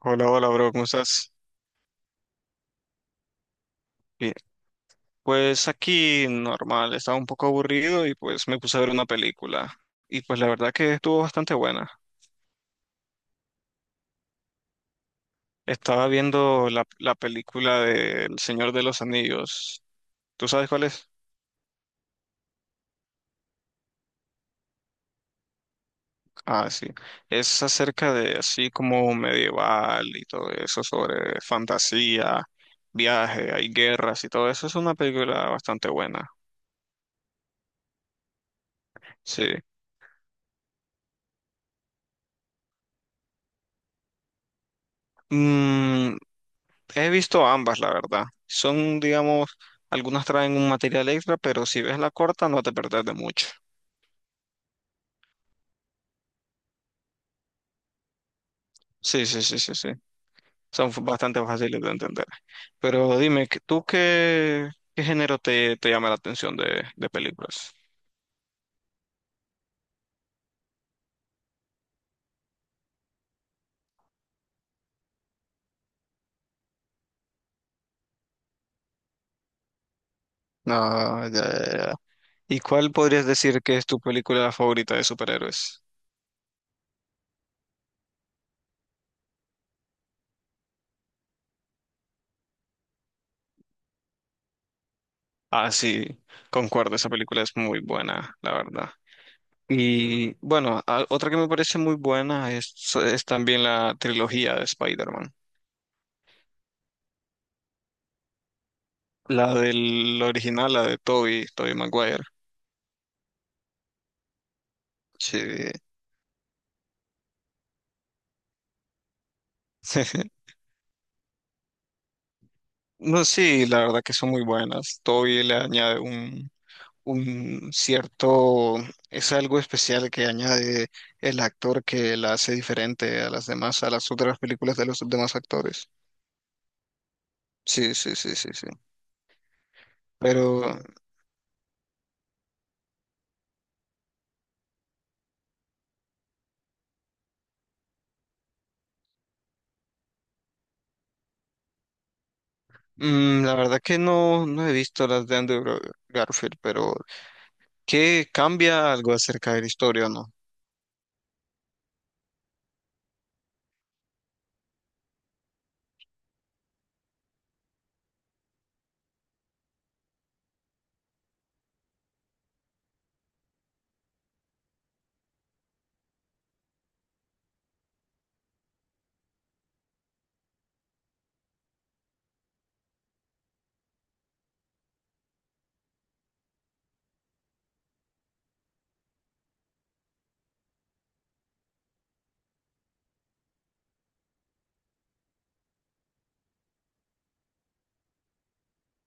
Hola, hola, bro, ¿cómo estás? Bien. Pues aquí normal, estaba un poco aburrido y pues me puse a ver una película. Y pues la verdad que estuvo bastante buena. Estaba viendo la película de El Señor de los Anillos. ¿Tú sabes cuál es? Ah, sí. Es acerca de así como medieval y todo eso, sobre fantasía, viaje, hay guerras y todo eso. Es una película bastante buena. Sí. Mm, He visto ambas, la verdad. Son, digamos, algunas traen un material extra, pero si ves la corta no te perdés de mucho. Sí, sí, sí, sí, sí. Son bastante fáciles de entender. Pero dime, ¿tú qué género te, te llama la atención de películas? Ah, ya, ya, ya. ¿Y cuál podrías decir que es tu película favorita de superhéroes? Ah, sí, concuerdo, esa película es muy buena, la verdad. Y bueno, otra que me parece muy buena es también la trilogía de Spider-Man. La del original, la de Toby Maguire. Sí. No, sí, la verdad que son muy buenas. Toby le añade un cierto, es algo especial que añade el actor que la hace diferente a las demás, a las otras películas de los demás actores. Sí, sí, sí, sí, sí. Pero la verdad que no, no he visto las de Garfield, pero ¿qué cambia algo acerca de la historia o no?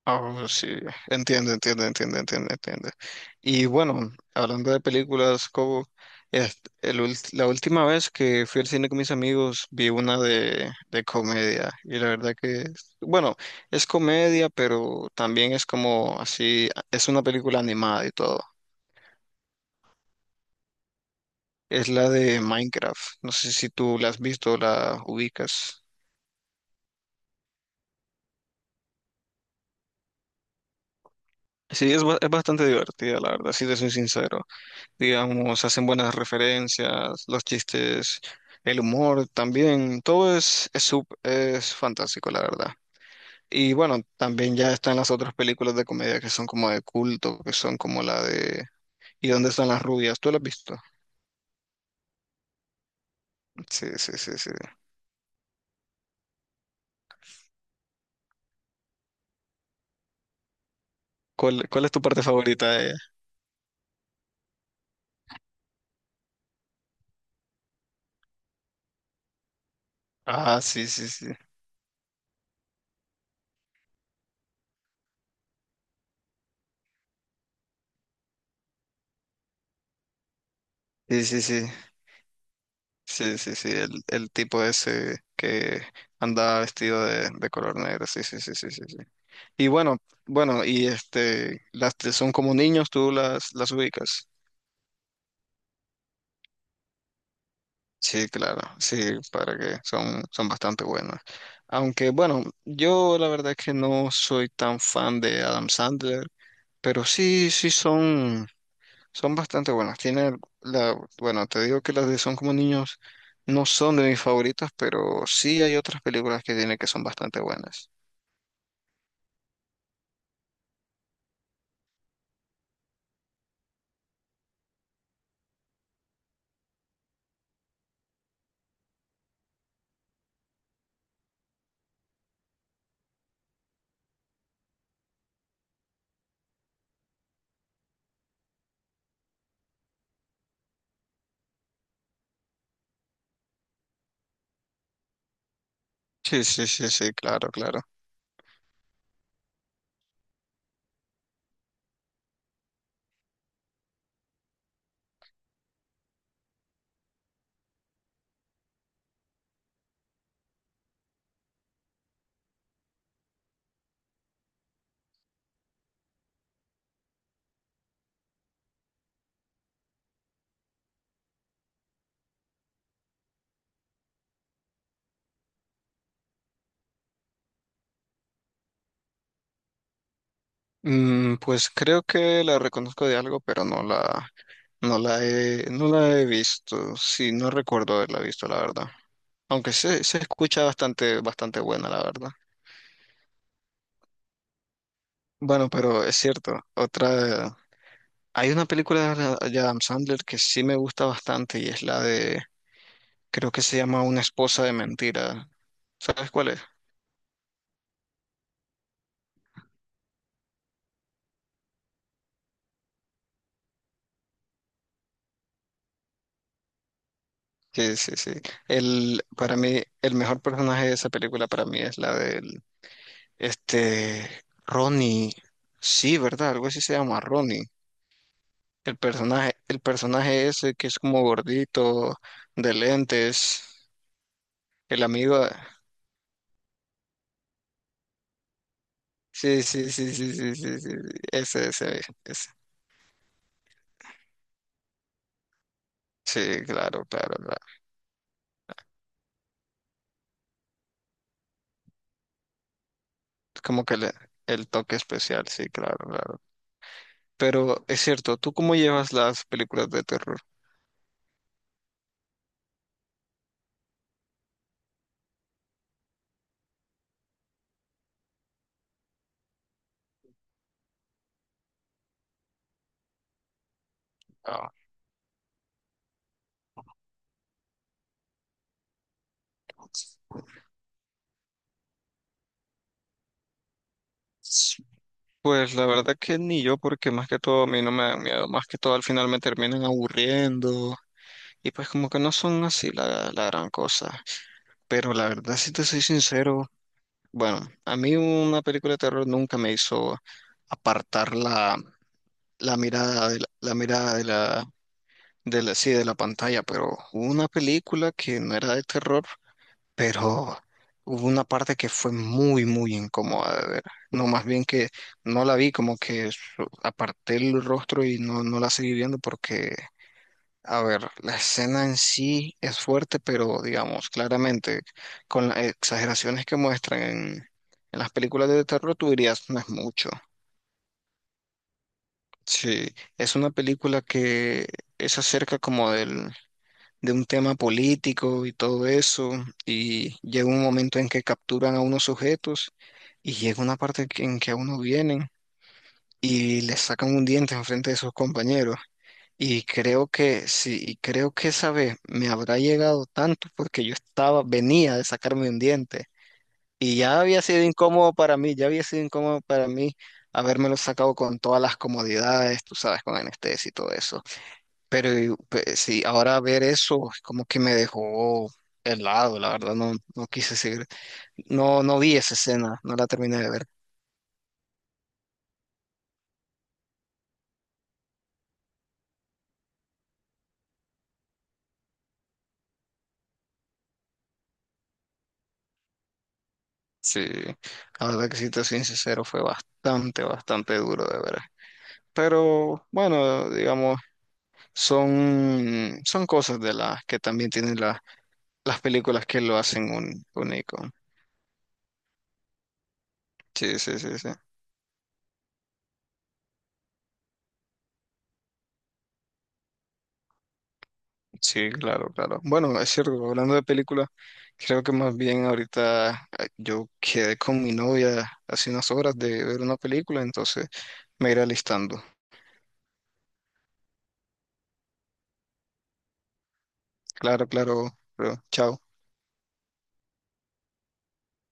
Ah, sí, entiendo, entiendo, entiendo, entiendo, entiendo. Y bueno, hablando de películas, Cobo, la última vez que fui al cine con mis amigos vi una de comedia y la verdad que, bueno, es comedia, pero también es como así, es una película animada y todo. Es la de Minecraft. No sé si tú la has visto o la ubicas. Sí, es bastante divertida, la verdad, si te soy sincero. Digamos, hacen buenas referencias, los chistes, el humor también, todo es fantástico, la verdad. Y bueno, también ya están las otras películas de comedia que son como de culto, que son como la de ¿Y dónde están las rubias? ¿Tú la has visto? Sí, sí, sí, sí. ¿Cuál, cuál es tu parte favorita de ella? Ah, sí, sí, sí. Sí, sí, sí. Sí, sí, sí, el tipo ese que andaba vestido de color negro, sí, sí, sí, sí, sí, sí. Y bueno, bueno, y este, las tres son como niños, tú las ubicas. Sí, claro, sí, para que son, son bastante buenas. Aunque bueno, yo la verdad es que no soy tan fan de Adam Sandler, pero sí, sí son. Son bastante buenas. Tiene la, bueno, te digo que las de Son como niños no son de mis favoritas, pero sí hay otras películas que tiene que son bastante buenas. Sí, sí, sí, sí, claro, claro. Mm, pues creo que la reconozco de algo, pero no la no la he visto. Sí, no recuerdo haberla visto, la verdad. Aunque se escucha bastante, bastante buena, la verdad. Bueno, pero es cierto. Otra, hay una película de Adam Sandler que sí me gusta bastante y es la de creo que se llama Una esposa de mentira. ¿Sabes cuál es? Sí, sí, sí. El, para mí, el mejor personaje de esa película para mí es la del, este, Ronnie. Sí, ¿verdad? Algo así se llama Ronnie. El personaje ese que es como gordito, de lentes, el amigo. Sí, sí, sí, sí, sí, sí, sí, sí. Ese, ese, ese. Sí, claro, claro, claro. Como que le- el toque especial, sí, claro, claro. Pero es cierto, ¿tú cómo llevas las películas de terror? Ah, pues la verdad que ni yo, porque más que todo a mí no me dan miedo, más que todo al final me terminan aburriendo y pues como que no son así la gran cosa. Pero la verdad, si te soy sincero, bueno, a mí una película de terror nunca me hizo apartar la mirada de la mirada de de la, sí, de la pantalla, pero hubo una película que no era de terror, pero hubo una parte que fue muy, muy incómoda de ver. No, más bien que no la vi, como que aparté el rostro y no, no la seguí viendo porque, a ver, la escena en sí es fuerte, pero digamos, claramente, con las exageraciones que muestran en las películas de terror, tú dirías, no es mucho. Sí, es una película que es acerca como del de un tema político y todo eso, y llega un momento en que capturan a unos sujetos y llega una parte en que a uno vienen y les sacan un diente enfrente de sus compañeros. Y creo que sí, y creo que esa vez me habrá llegado tanto porque yo estaba, venía de sacarme un diente y ya había sido incómodo para mí, ya había sido incómodo para mí habérmelo sacado con todas las comodidades, tú sabes, con anestesia y todo eso. Sí, ahora ver eso como que me dejó helado, la verdad, no, no quise seguir, no, no vi esa escena, no la terminé de ver. Sí, la verdad que si te soy sincero, fue bastante, bastante duro de ver. Pero bueno, digamos, son, son cosas de las que también las películas que lo hacen un, único. Sí, sí, sí, sí. Sí, claro, claro. Bueno, es cierto, hablando de películas, creo que más bien ahorita yo quedé con mi novia hace unas horas de ver una película, entonces me iré alistando. Claro, claro, bro. Chao.